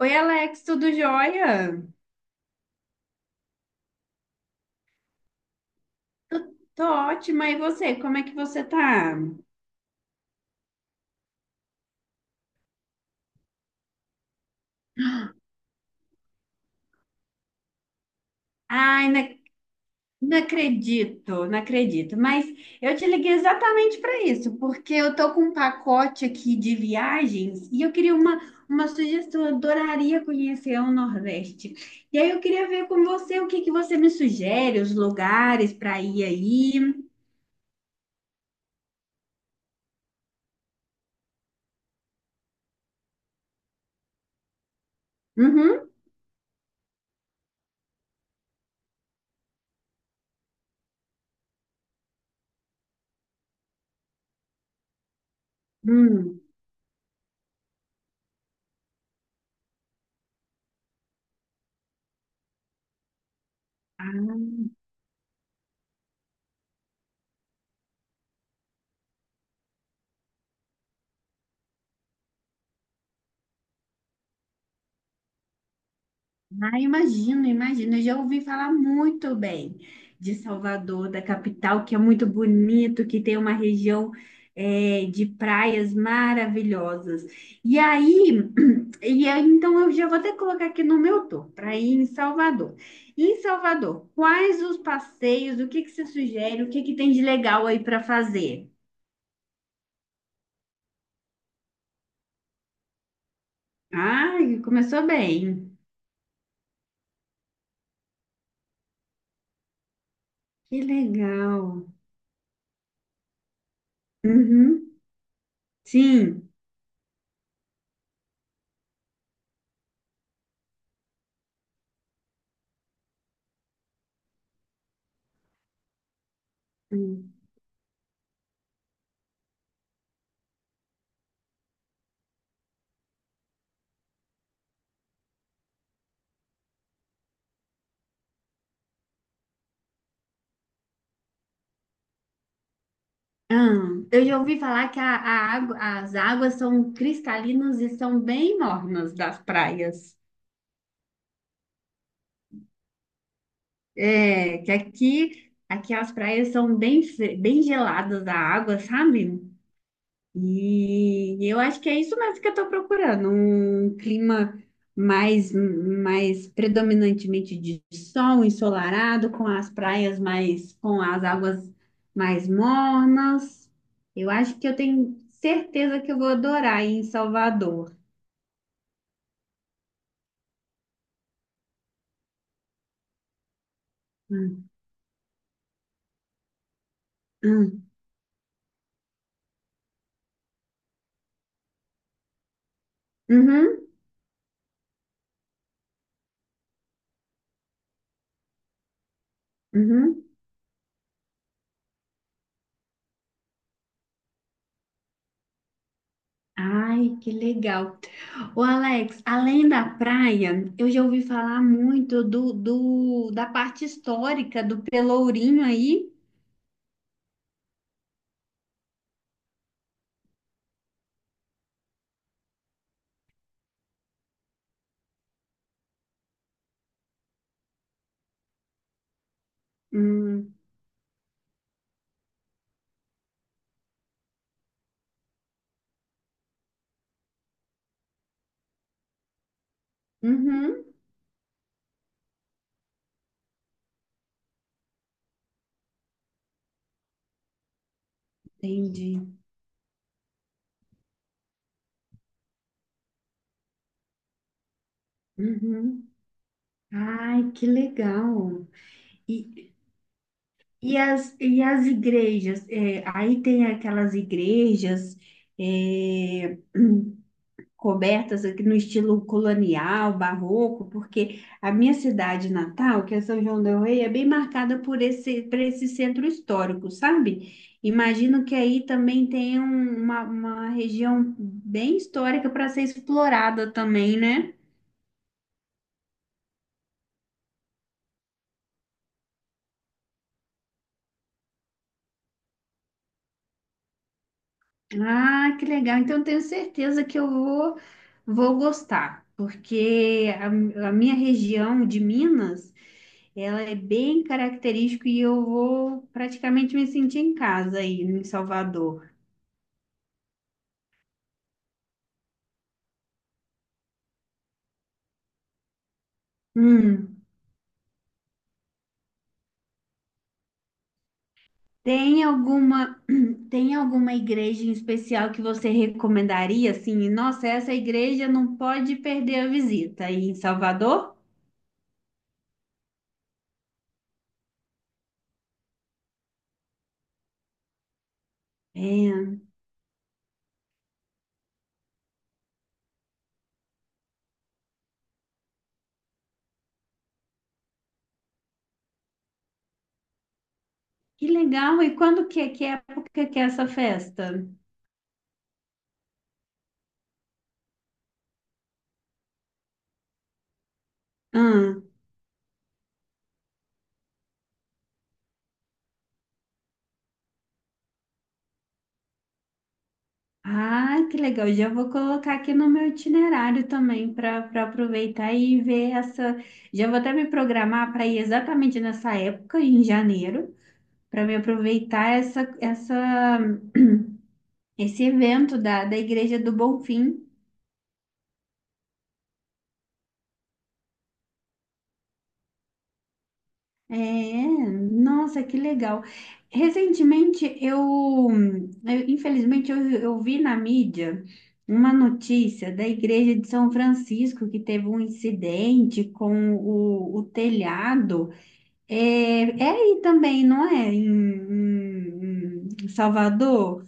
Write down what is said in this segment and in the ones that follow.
Oi, Alex, tudo jóia? Tô ótima, e você? Como é que você tá? Ai, não acredito, não acredito. Mas eu te liguei exatamente para isso, porque eu tô com um pacote aqui de viagens e eu queria uma sugestão. Eu adoraria conhecer o Nordeste. E aí eu queria ver com você o que que você me sugere, os lugares para ir aí. Uhum. Hum. Ah. Ah, imagino, imagino. Eu já ouvi falar muito bem de Salvador, da capital, que é muito bonito, que tem uma região de praias maravilhosas. E aí, e aí, então eu já vou até colocar aqui no meu tour para ir em Salvador. E em Salvador, quais os passeios? O que que você sugere? O que que tem de legal aí para fazer? Ah, começou bem. Que legal. Uhum, sim. Ah, eu já ouvi falar que as águas são cristalinas e são bem mornas das praias. É, que aqui, aqui as praias são bem, bem geladas da água, sabe? E eu acho que é isso mesmo que eu estou procurando, um clima mais, mais predominantemente de sol, ensolarado, com as praias mais, com as águas mais mornas. Eu acho que eu tenho certeza que eu vou adorar aí em Salvador. Hum, hum. Uhum, uhum. Ai, que legal. Ô Alex, além da praia, eu já ouvi falar muito da parte histórica do Pelourinho aí. Hum, uhum, entendi. Uhum. Ai, que legal. E, e, e as igrejas? Aí tem aquelas igrejas, é, cobertas aqui no estilo colonial, barroco, porque a minha cidade natal, que é São João del Rei, é bem marcada por por esse centro histórico, sabe? Imagino que aí também tem um, uma região bem histórica para ser explorada também, né? Ah, que legal. Então, eu tenho certeza que eu vou gostar, porque a minha região de Minas, ela é bem característica e eu vou praticamente me sentir em casa aí em Salvador. Hum, tem alguma, tem alguma igreja em especial que você recomendaria, assim? Nossa, essa igreja não pode perder a visita aí em Salvador? É, que legal. E quando que época que é essa festa? Hum. Ah, que legal. Já vou colocar aqui no meu itinerário também para para aproveitar e ver essa. Já vou até me programar para ir exatamente nessa época, em janeiro, para me aproveitar esse evento da Igreja do Bonfim. É, nossa, que legal. Recentemente eu, Infelizmente, eu vi na mídia uma notícia da Igreja de São Francisco que teve um incidente com o telhado. É, é aí também, não é? Em Salvador?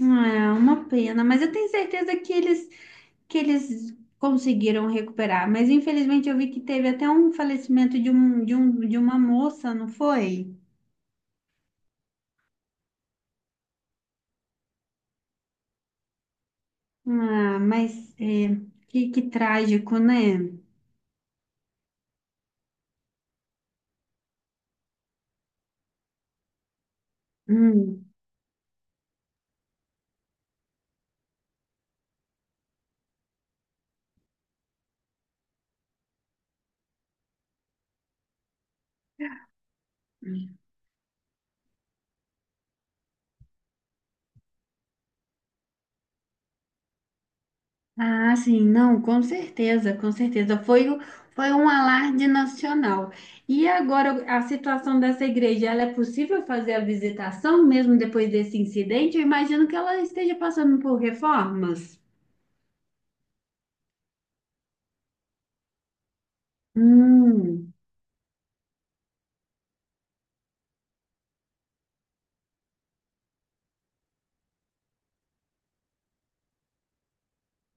É uma pena, mas eu tenho certeza que eles conseguiram recuperar. Mas infelizmente eu vi que teve até um falecimento de uma moça, não foi? Ah, mas é, que trágico, né? Hum. Ah, sim, não, com certeza, com certeza. Foi um alarde nacional. E agora, a situação dessa igreja, ela é possível fazer a visitação mesmo depois desse incidente? Eu imagino que ela esteja passando por reformas. Hum,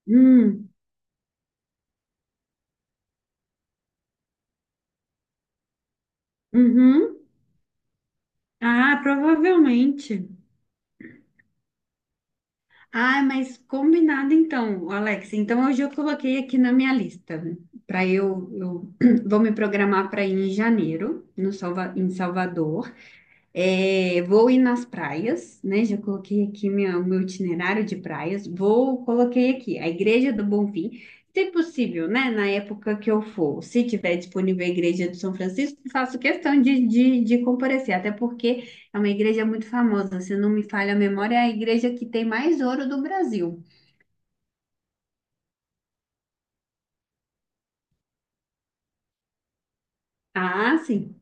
hum, uhum. Ah, provavelmente. Ah, mas combinado então, Alex. Então, hoje eu coloquei aqui na minha lista. Para eu vou me programar para ir em janeiro, no Salva, em Salvador. É, vou ir nas praias, né? Já coloquei aqui o meu itinerário de praias. Vou, coloquei aqui a Igreja do Bonfim, se possível, né? Na época que eu for, se tiver disponível a Igreja do São Francisco, faço questão de comparecer, até porque é uma igreja muito famosa. Se não me falha a memória, é a igreja que tem mais ouro do Brasil. Ah, sim.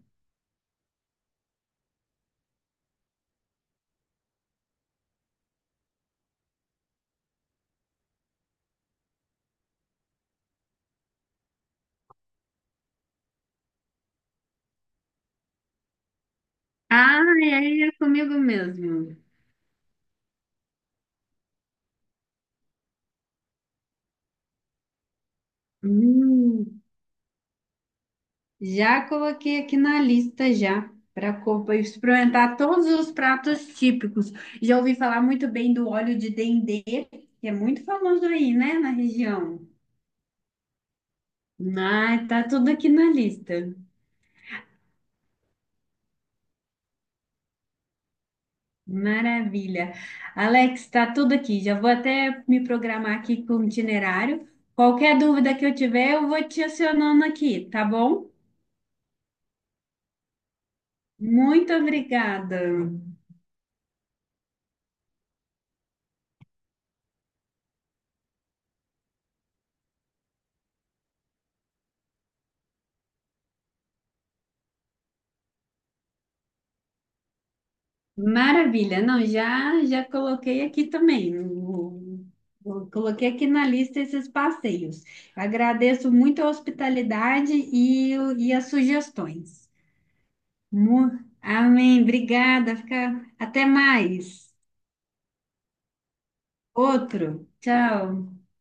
Ah, é é comigo mesmo. Hum. Já coloquei aqui na lista já para experimentar todos os pratos típicos. Já ouvi falar muito bem do óleo de dendê, que é muito famoso aí, né, na região. Ah, tá tudo aqui na lista. Maravilha. Alex, tá tudo aqui. Já vou até me programar aqui com o itinerário. Qualquer dúvida que eu tiver, eu vou te acionando aqui, tá bom? Muito obrigada. Maravilha. Não, já já coloquei aqui também. Coloquei aqui na lista esses passeios. Agradeço muito a hospitalidade e as sugestões. Mu- Amém. Obrigada. Fica... Até mais. Outro. Tchau.